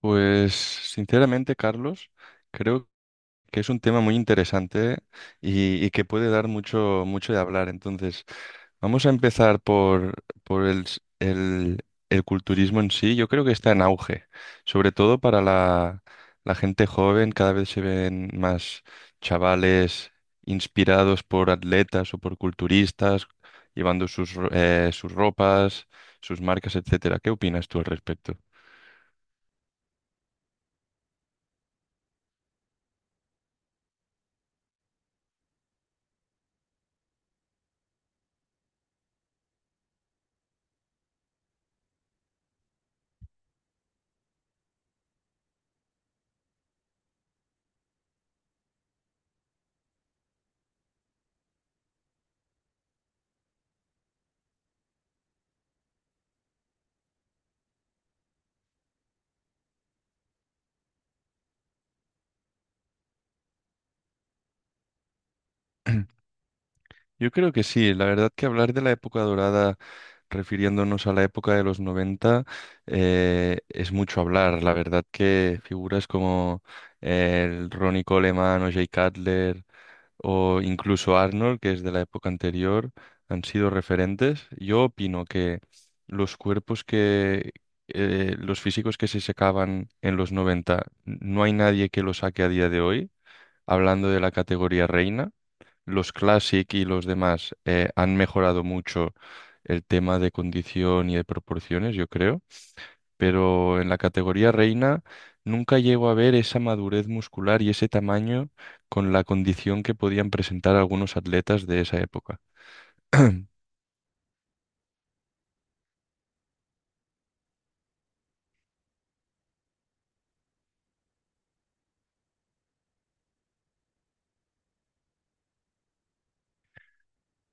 Pues sinceramente, Carlos, creo que es un tema muy interesante y que puede dar mucho, mucho de hablar. Entonces, vamos a empezar por el culturismo en sí. Yo creo que está en auge, sobre todo para la gente joven. Cada vez se ven más chavales inspirados por atletas o por culturistas, llevando sus ropas, sus marcas, etcétera. ¿Qué opinas tú al respecto? Yo creo que sí, la verdad que hablar de la época dorada, refiriéndonos a la época de los 90, es mucho hablar. La verdad que figuras como el Ronnie Coleman o Jay Cutler o incluso Arnold, que es de la época anterior, han sido referentes. Yo opino que los cuerpos que, los físicos que se sacaban en los 90, no hay nadie que los saque a día de hoy, hablando de la categoría reina, los Classic y los demás han mejorado mucho el tema de condición y de proporciones, yo creo, pero en la categoría reina nunca llego a ver esa madurez muscular y ese tamaño con la condición que podían presentar algunos atletas de esa época.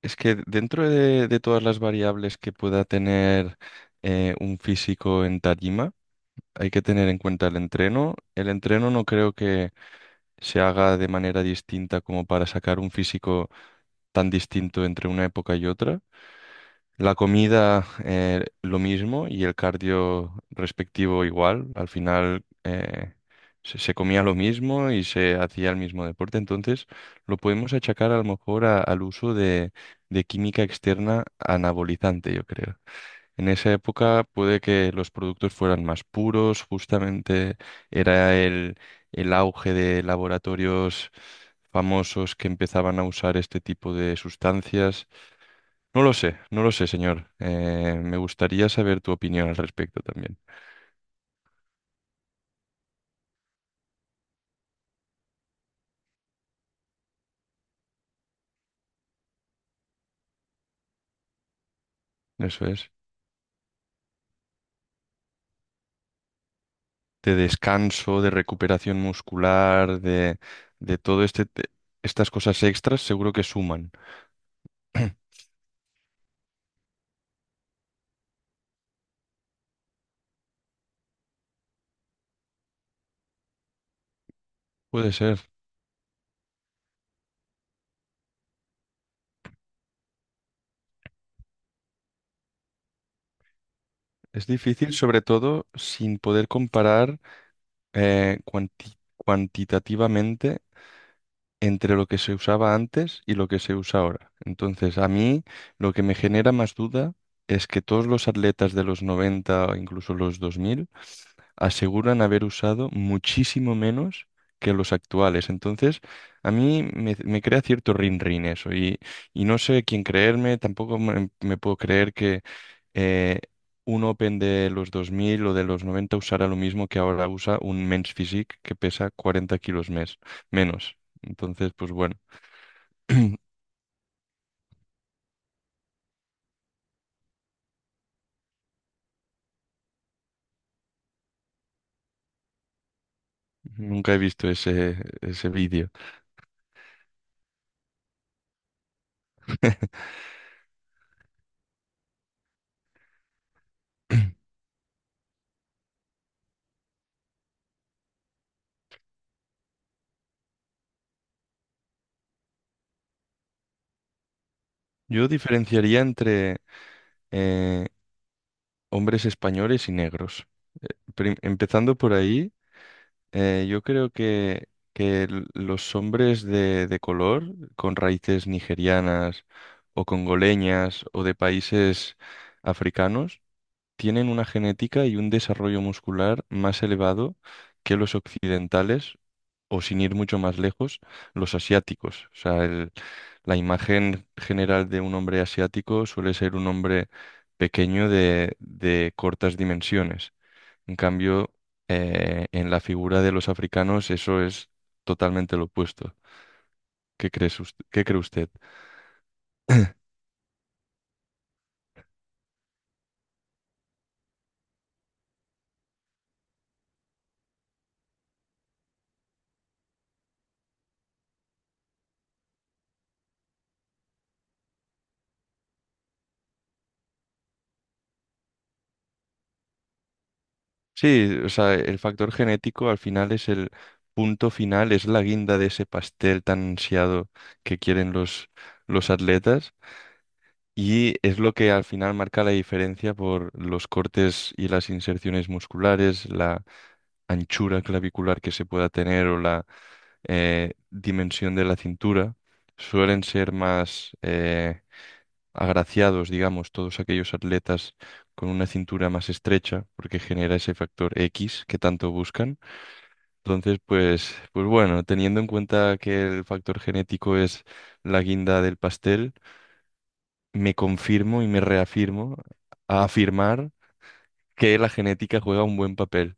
Es que dentro de todas las variables que pueda tener un físico en tarima, hay que tener en cuenta el entreno. El entreno no creo que se haga de manera distinta como para sacar un físico tan distinto entre una época y otra. La comida, lo mismo, y el cardio respectivo igual. Al final, se comía lo mismo y se hacía el mismo deporte. Entonces, lo podemos achacar a lo mejor al uso de química externa anabolizante, yo creo. En esa época puede que los productos fueran más puros, justamente era el auge de laboratorios famosos que empezaban a usar este tipo de sustancias. No lo sé, no lo sé, señor. Me gustaría saber tu opinión al respecto también. Eso es. De descanso, de recuperación muscular, de todo este, estas cosas extras, seguro que suman. Puede ser. Es difícil, sobre todo, sin poder comparar cuantitativamente entre lo que se usaba antes y lo que se usa ahora. Entonces, a mí lo que me genera más duda es que todos los atletas de los 90 o incluso los 2000 aseguran haber usado muchísimo menos que los actuales. Entonces, a mí me crea cierto rin-rin eso y no sé quién creerme, tampoco me puedo creer que eh, un Open de los 2000 o de los 90 usará lo mismo que ahora usa un Men's Physique que pesa 40 kilos menos. Entonces, pues bueno, nunca he visto ese vídeo. Yo diferenciaría entre eh, hombres españoles y negros. Eh, Empezando por ahí, yo creo que los hombres de color con raíces nigerianas o congoleñas o de países africanos tienen una genética y un desarrollo muscular más elevado que los occidentales o, sin ir mucho más lejos, los asiáticos. O sea, la imagen general de un hombre asiático suele ser un hombre pequeño de cortas dimensiones. En cambio, en la figura de los africanos eso es totalmente lo opuesto. ¿Qué cree usted? Sí, o sea, el factor genético al final es el punto final, es la guinda de ese pastel tan ansiado que quieren los atletas, y es lo que al final marca la diferencia por los cortes y las inserciones musculares, la anchura clavicular que se pueda tener o la dimensión de la cintura. Suelen ser más... agraciados, digamos, todos aquellos atletas con una cintura más estrecha, porque genera ese factor X que tanto buscan. Entonces, pues bueno, teniendo en cuenta que el factor genético es la guinda del pastel, me confirmo y me reafirmo a afirmar que la genética juega un buen papel.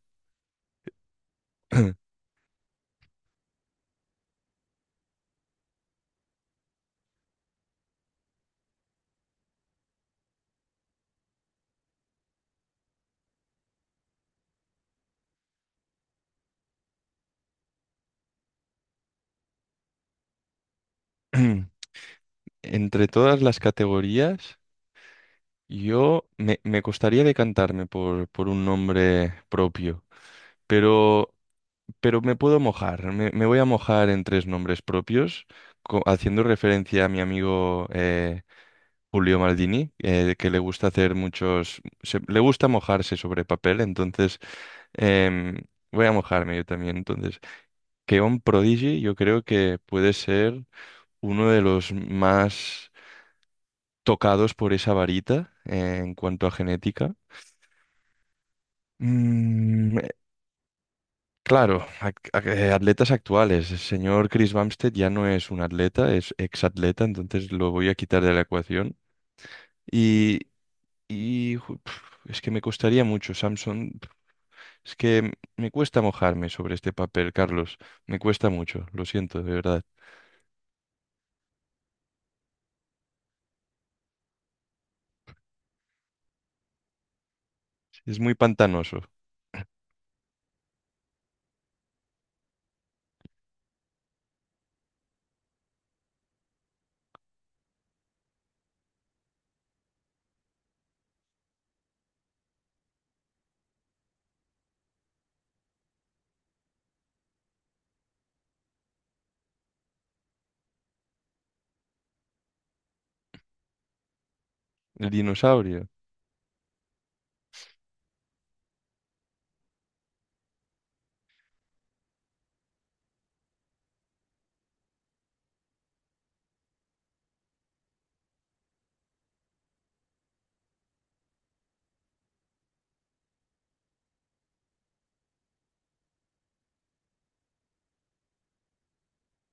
Entre todas las categorías, yo me costaría decantarme por un nombre propio, pero me puedo mojar. Me voy a mojar en tres nombres propios, haciendo referencia a mi amigo Julio Maldini, que le gusta hacer muchos, le gusta mojarse sobre papel, entonces em, voy a mojarme yo también. Entonces, Keon Prodigy yo creo que puede ser uno de los más tocados por esa varita, en cuanto a genética. Mm, Claro, atletas actuales. El señor Chris Bumstead ya no es un atleta, es exatleta, entonces lo voy a quitar de la ecuación. Y, es que me costaría mucho, Samson. Es que me cuesta mojarme sobre este papel, Carlos. Me cuesta mucho, lo siento, de verdad. Es muy pantanoso. El dinosaurio.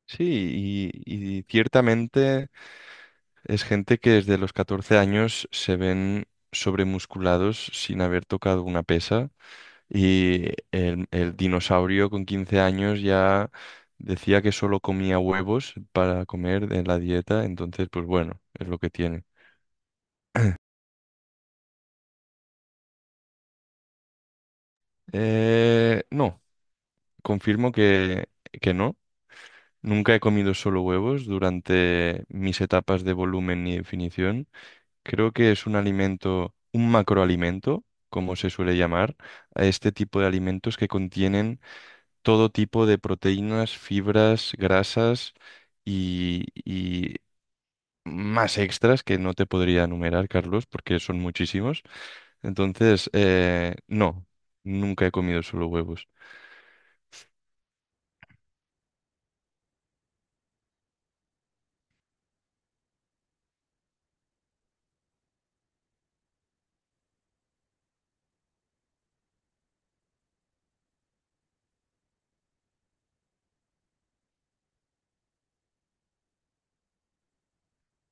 Sí, y ciertamente es gente que desde los 14 años se ven sobremusculados sin haber tocado una pesa. Y el dinosaurio con 15 años ya decía que solo comía huevos para comer en la dieta, entonces pues bueno, es lo que tiene. No, confirmo que no. Nunca he comido solo huevos durante mis etapas de volumen y definición. Creo que es un alimento, un macroalimento, como se suele llamar, a este tipo de alimentos que contienen todo tipo de proteínas, fibras, grasas y más extras que no te podría enumerar, Carlos, porque son muchísimos. Entonces, no, nunca he comido solo huevos.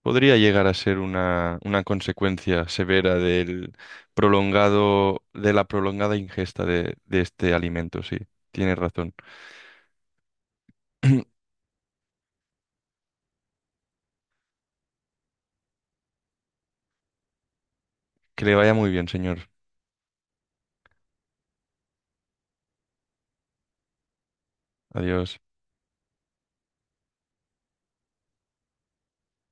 Podría llegar a ser una consecuencia severa del prolongado, de la prolongada ingesta de este alimento, sí. Tiene razón. Que le vaya muy bien, señor. Adiós.